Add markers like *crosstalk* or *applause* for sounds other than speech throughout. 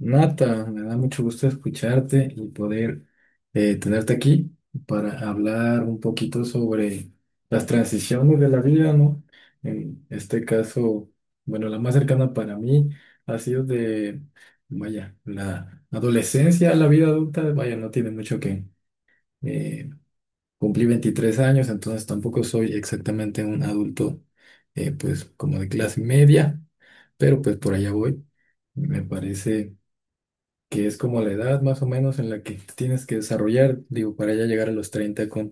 Nata, me da mucho gusto escucharte y poder tenerte aquí para hablar un poquito sobre las transiciones de la vida, ¿no? En este caso, bueno, la más cercana para mí ha sido de, vaya, la adolescencia a la vida adulta, vaya, no tiene mucho que... eh, cumplí 23 años, entonces tampoco soy exactamente un adulto, pues como de clase media, pero pues por allá voy. Me parece que es como la edad más o menos en la que te tienes que desarrollar, digo, para ya llegar a los 30 con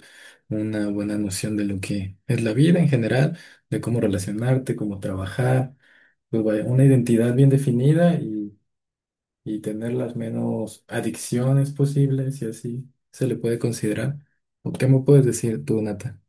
una buena noción de lo que es la vida en general, de cómo relacionarte, cómo trabajar, pues vaya, una identidad bien definida y tener las menos adicciones posibles, y así se le puede considerar. ¿O qué me puedes decir tú, Nata?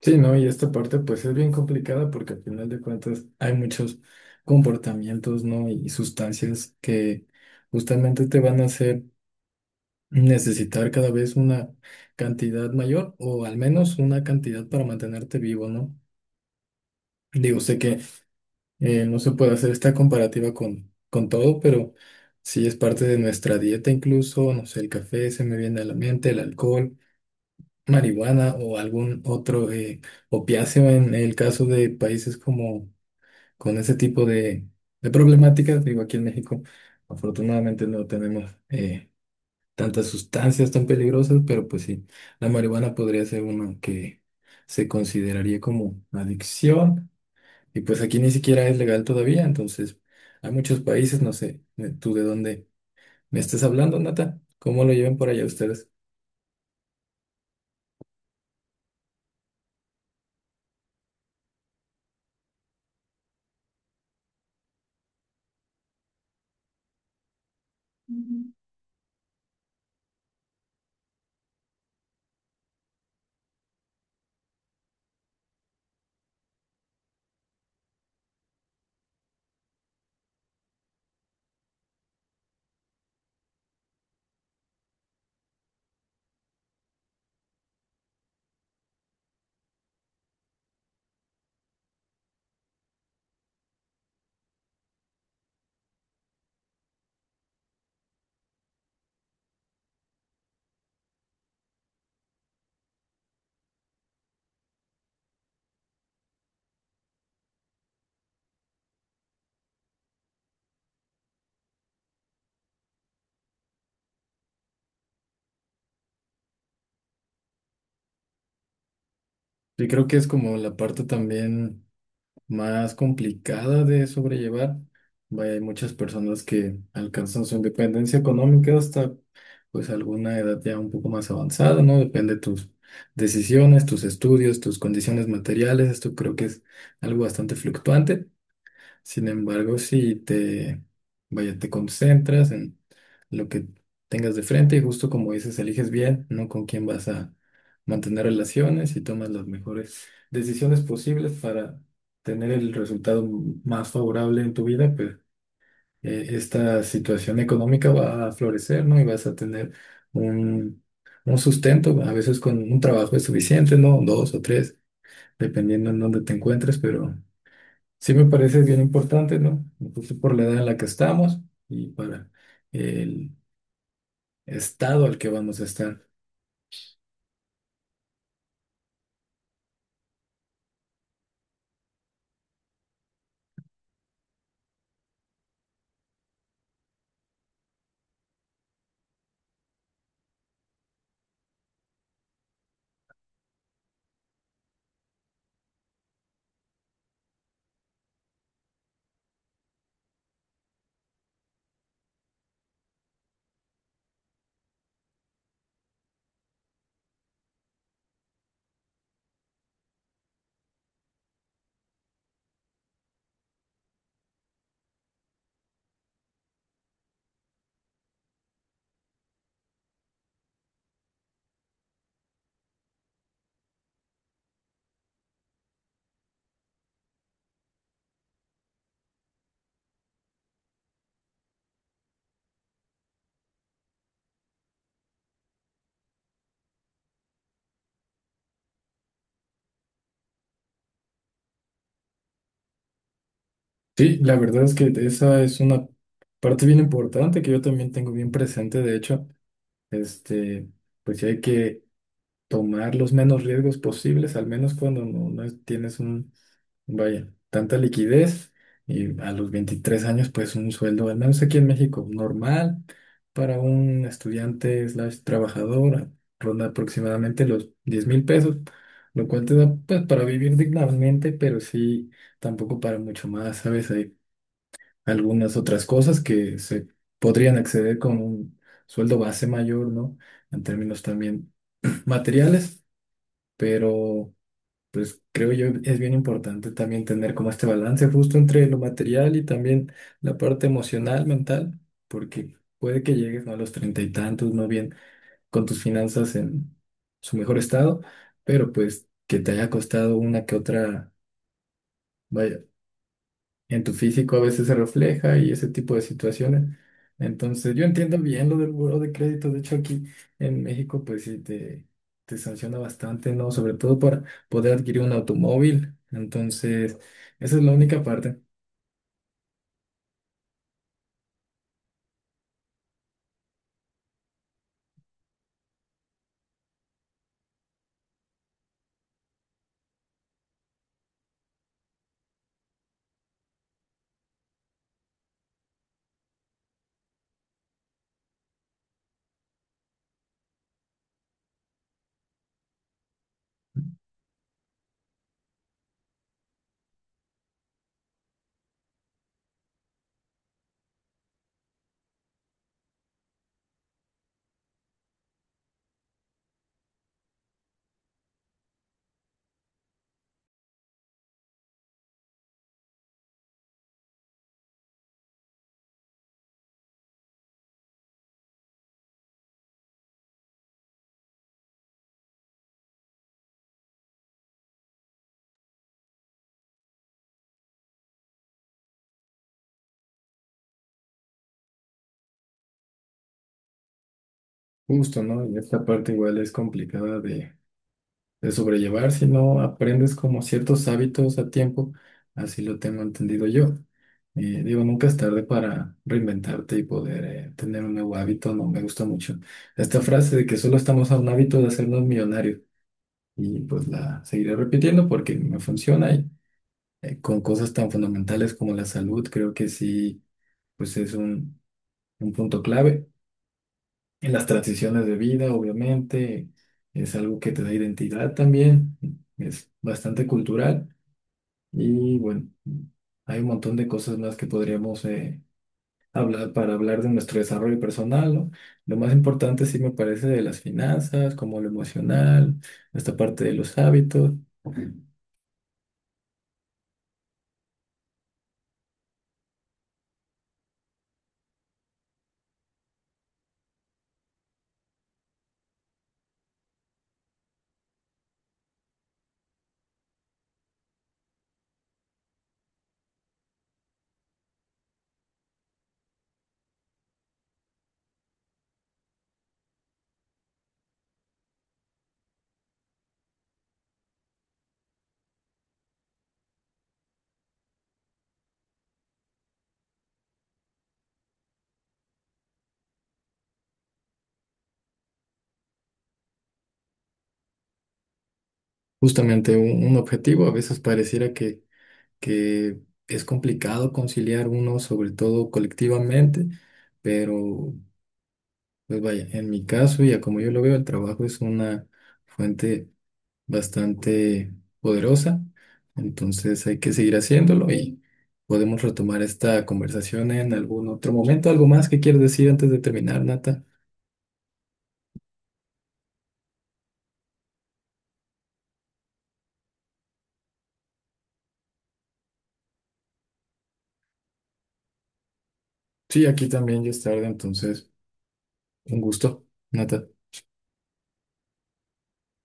Sí, no, y esta parte pues es bien complicada porque al final de cuentas hay muchos comportamientos, ¿no? Y sustancias que justamente te van a hacer necesitar cada vez una cantidad mayor o al menos una cantidad para mantenerte vivo, ¿no? Digo, sé que no se puede hacer esta comparativa con todo, pero sí es parte de nuestra dieta incluso, no sé, el café se me viene a la mente, el alcohol, marihuana o algún otro opiáceo en el caso de países como con ese tipo de problemáticas, digo, aquí en México afortunadamente no tenemos... tantas sustancias tan peligrosas, pero pues sí, la marihuana podría ser una que se consideraría como adicción y pues aquí ni siquiera es legal todavía, entonces hay muchos países, no sé tú de dónde me estás hablando, Nata, cómo lo llevan por allá ustedes. Yo creo que es como la parte también más complicada de sobrellevar. Vaya, hay muchas personas que alcanzan su independencia económica hasta pues alguna edad ya un poco más avanzada, ¿no? Depende de tus decisiones, tus estudios, tus condiciones materiales. Esto creo que es algo bastante fluctuante. Sin embargo, si te, vaya, te concentras en lo que tengas de frente y justo como dices, eliges bien, ¿no? Con quién vas a mantener relaciones y tomas las mejores decisiones posibles para tener el resultado más favorable en tu vida, pues esta situación económica va a florecer, ¿no? Y vas a tener un, un sustento, a veces con un trabajo es suficiente, ¿no? Dos o tres, dependiendo en dónde te encuentres, pero... Sí me parece bien importante, ¿no? Justo por la edad en la que estamos y para el estado al que vamos a estar. Sí, la verdad es que esa es una parte bien importante que yo también tengo bien presente. De hecho, este, pues sí hay que tomar los menos riesgos posibles, al menos cuando no tienes vaya, tanta liquidez y a los 23 años pues un sueldo, al menos aquí en México, normal para un estudiante slash trabajador, ronda aproximadamente los 10,000 pesos, lo cual te da pues para vivir dignamente, pero sí tampoco para mucho más, ¿sabes? Hay algunas otras cosas que se podrían acceder con un sueldo base mayor, ¿no? En términos también *clears throat* materiales, pero... Pues creo yo es bien importante también tener como este balance justo entre lo material y también la parte emocional, mental, porque puede que llegues, ¿no?, a los treinta y tantos, no bien con tus finanzas en su mejor estado, pero pues que te haya costado una que otra, vaya, en tu físico a veces se refleja y ese tipo de situaciones. Entonces, yo entiendo bien lo del buró de crédito. De hecho, aquí en México, pues sí, te sanciona bastante, ¿no? Sobre todo para poder adquirir un automóvil. Entonces, esa es la única parte. Justo, ¿no? Y esta parte igual es complicada de sobrellevar, sino aprendes como ciertos hábitos a tiempo, así lo tengo entendido yo. Digo, nunca es tarde para reinventarte y poder tener un nuevo hábito, no me gusta mucho. Esta frase de que solo estamos a un hábito de hacernos millonarios y pues la seguiré repitiendo porque me funciona y con cosas tan fundamentales como la salud, creo que sí, pues es un punto clave. En las transiciones de vida, obviamente, es algo que te da identidad también, es bastante cultural. Y bueno, hay un montón de cosas más que podríamos hablar para hablar de nuestro desarrollo personal, ¿no? Lo más importante sí me parece de las finanzas, como lo emocional, esta parte de los hábitos. Justamente un objetivo, a veces pareciera que es complicado conciliar uno, sobre todo colectivamente, pero pues vaya, en mi caso y a como yo lo veo, el trabajo es una fuente bastante poderosa. Entonces hay que seguir haciéndolo y podemos retomar esta conversación en algún otro momento. ¿Algo más que quieres decir antes de terminar, Nata? Sí, aquí también ya es tarde, entonces un gusto, Nata.